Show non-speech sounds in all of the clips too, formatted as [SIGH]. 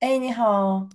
哎，你好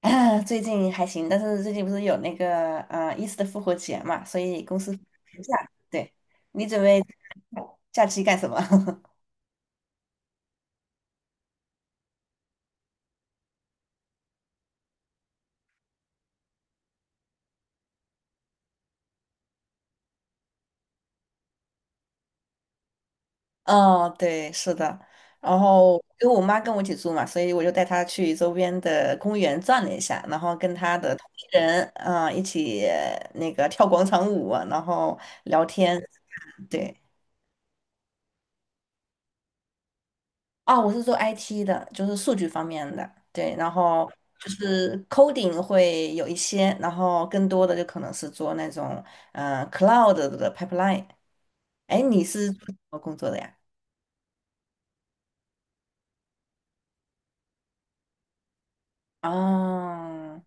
啊 [CLEARS THROAT] 最近还行，但是最近不是有那个伊斯的复活节嘛，所以公司放假。对，你准备假期干什么？[LAUGHS] 哦，对，是的。然后因为我妈跟我一起住嘛，所以我就带她去周边的公园转了一下，然后跟她的同龄人一起那个跳广场舞啊然后聊天。对，哦，我是做 IT 的，就是数据方面的，对，然后就是 coding 会有一些，然后更多的就可能是做那种cloud 的 pipeline。哎，你是做什么工作的呀？哦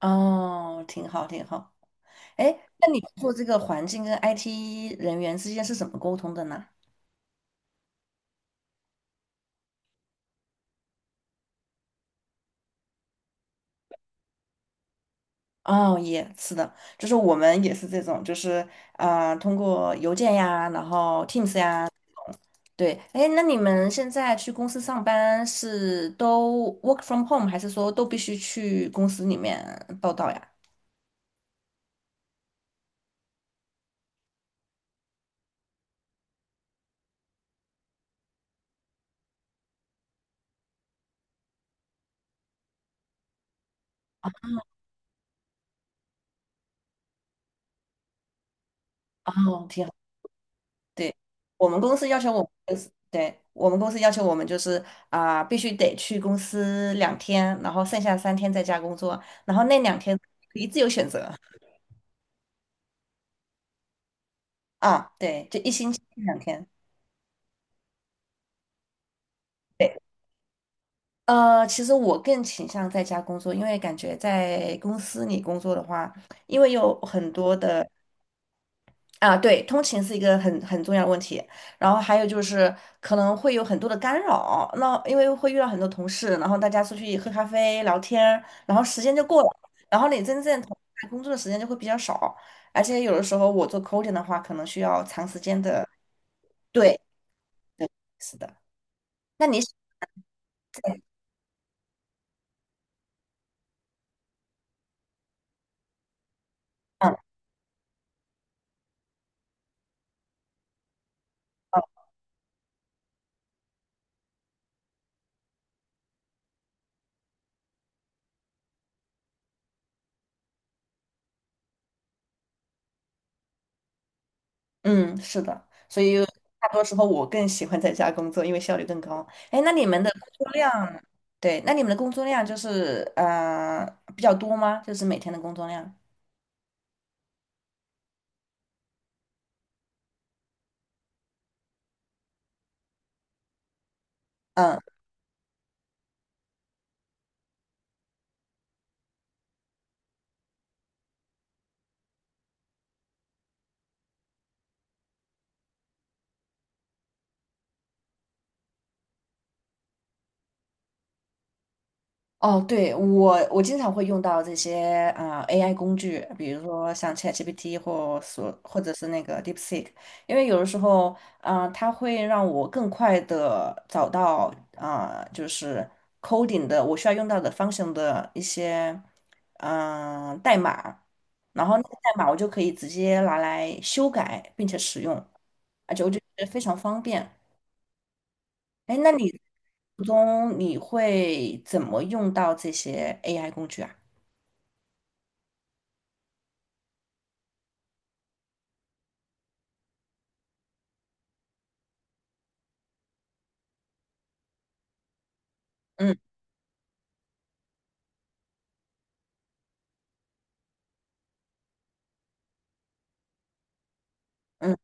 哦，挺好挺好。哎，那你做这个环境跟 IT 人员之间是怎么沟通的呢？哦，也是的，就是我们也是这种，就是通过邮件呀，然后 Teams 呀。对，哎，那你们现在去公司上班是都 work from home，还是说都必须去公司里面报道呀？哦，挺好。对，我们公司要求我们就是，对，我们公司要求我们就是必须得去公司两天，然后剩下3天在家工作，然后那两天可以自由选择啊，对，就一星期两天。对，其实我更倾向在家工作，因为感觉在公司里工作的话，因为有很多的。啊，对，通勤是一个很重要的问题，然后还有就是可能会有很多的干扰，那因为会遇到很多同事，然后大家出去喝咖啡聊天，然后时间就过了，然后你真正投入在工作的时间就会比较少，而且有的时候我做 coding 的话，可能需要长时间的，对，对，是的。那你，嗯，嗯，是的，所以大多时候我更喜欢在家工作，因为效率更高。哎，那你们的工作量，对，那你们的工作量就是比较多吗？就是每天的工作量？嗯。哦，对，我经常会用到这些AI 工具，比如说像 ChatGPT 或者是那个 DeepSeek，因为有的时候，啊，它会让我更快的找到啊，就是 coding 的我需要用到的 function 的一些代码，然后那个代码我就可以直接拿来修改并且使用，而且我就觉得非常方便。哎，那你途中你会怎么用到这些 AI 工具啊？嗯嗯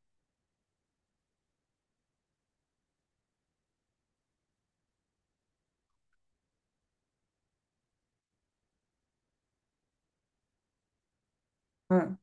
嗯，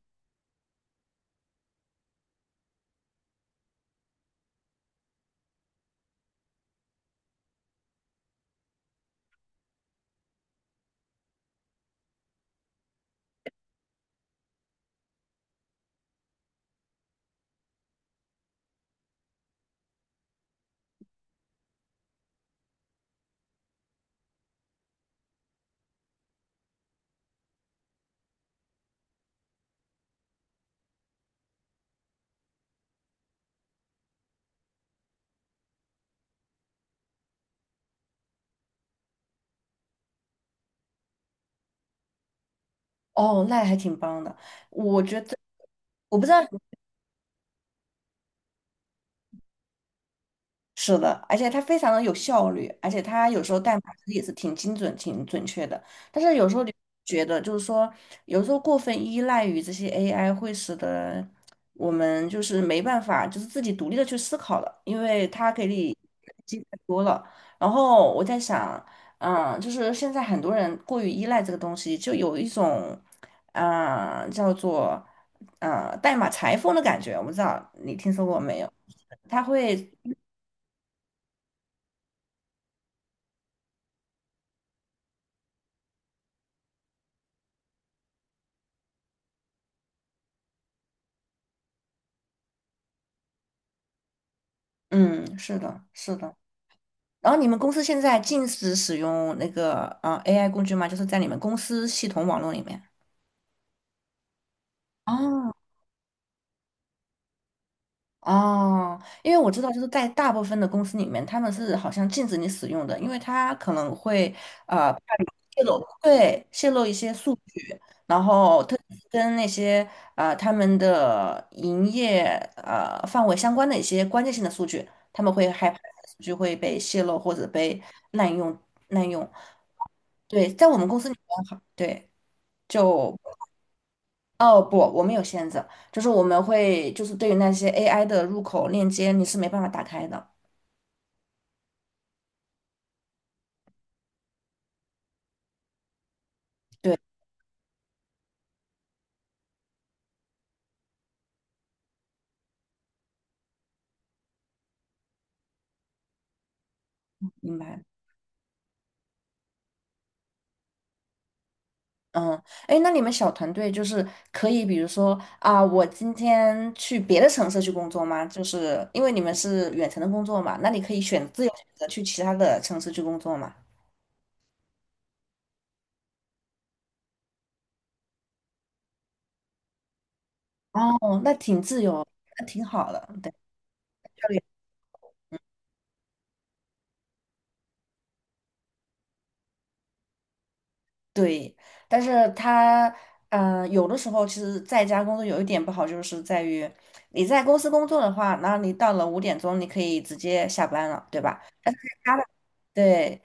哦，那还挺棒的。我觉得我不知道，是的，而且它非常的有效率，而且它有时候代码其实也是挺精准、挺准确的。但是有时候你觉得，就是说，有时候过分依赖于这些 AI，会使得我们就是没办法，就是自己独立的去思考了，因为它给你机太多了。然后我在想，嗯，就是现在很多人过于依赖这个东西，就有一种，叫做，代码裁缝的感觉。我不知道你听说过没有？他会。嗯，是的，是的。然后你们公司现在禁止使用那个AI 工具吗？就是在你们公司系统网络里面。哦，哦，因为我知道，就是在大部分的公司里面，他们是好像禁止你使用的，因为他可能会呃泄露，对，泄露一些数据，然后特别是跟那些他们的营业范围相关的一些关键性的数据，他们会害怕数据会被泄露或者被滥用滥用对，在我们公司里面好，对，就哦不，我们有限制，就是我们会就是对于那些 AI 的入口链接，你是没办法打开的。对，明白。嗯，哎，那你们小团队就是可以，比如说我今天去别的城市去工作吗？就是因为你们是远程的工作嘛，那你可以自由选择去其他的城市去工作嘛？哦，那挺自由，那挺好的。对，对，但是他嗯，有的时候其实在家工作有一点不好，就是在于你在公司工作的话，然后你到了5点钟，你可以直接下班了，对吧？他的对，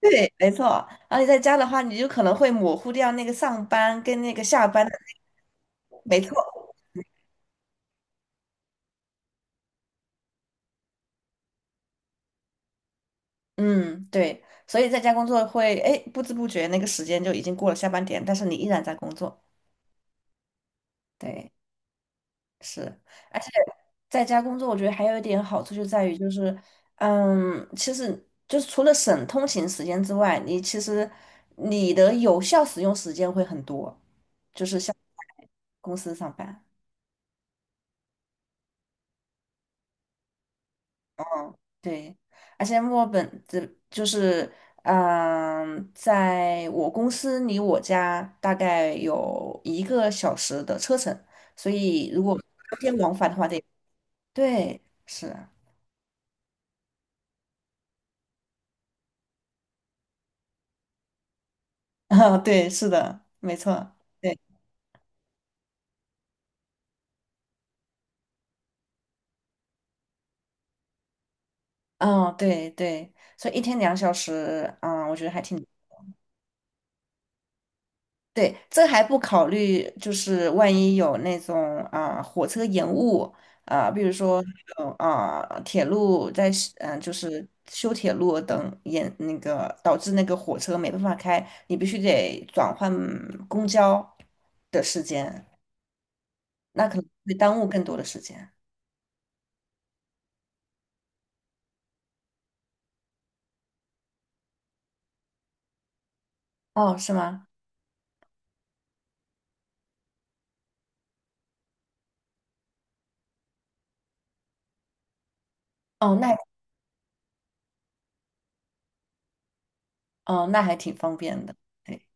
对，没错。而且在家的话，你就可能会模糊掉那个上班跟那个下班的，没错。嗯，对。所以在家工作会，哎，不知不觉那个时间就已经过了下班点，但是你依然在工作。对，是。而且在家工作，我觉得还有一点好处就在于，就是，嗯，其实就是除了省通勤时间之外，你其实你的有效使用时间会很多，就是像公司上班。对，而且墨尔本这就是，在我公司离我家大概有1个小时的车程，所以如果当天往返的话得，对，是啊，[LAUGHS] 啊，对，是的，没错，对，嗯，对对，所以一天2小时，嗯，我觉得还挺。对，这还不考虑，就是万一有那种火车延误比如说有铁路在就是修铁路等延那个导致那个火车没办法开，你必须得转换公交的时间，那可能会耽误更多的时间。哦，是吗？哦，那哦那还挺方便的。对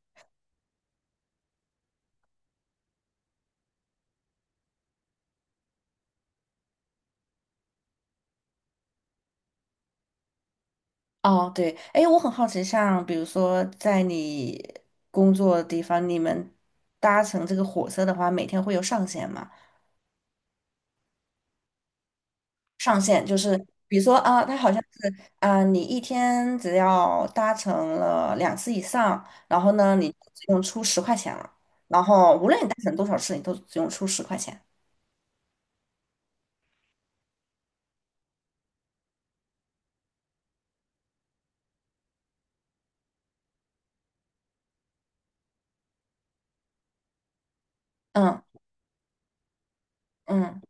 哦，对，哎，我很好奇，像比如说在你工作的地方，你们搭乘这个火车的话，每天会有上限吗？上限就是比如说，它好像是，你一天只要搭乘了2次以上，然后呢，你只用出十块钱了，然后无论你搭乘多少次，你都只用出十块钱。嗯嗯，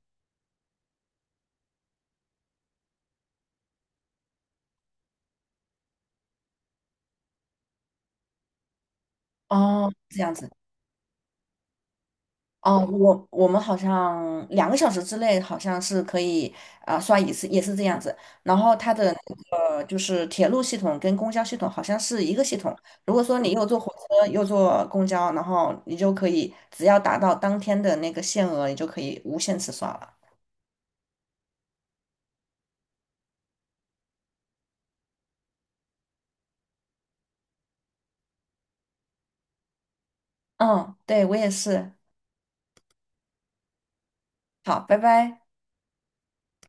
哦，这样子。哦，我们好像2个小时之内好像是可以刷一次，也是这样子。然后它的那个就是铁路系统跟公交系统好像是一个系统。如果说你又坐火车又坐公交，然后你就可以只要达到当天的那个限额，你就可以无限次刷了。嗯，对，我也是。好，拜拜。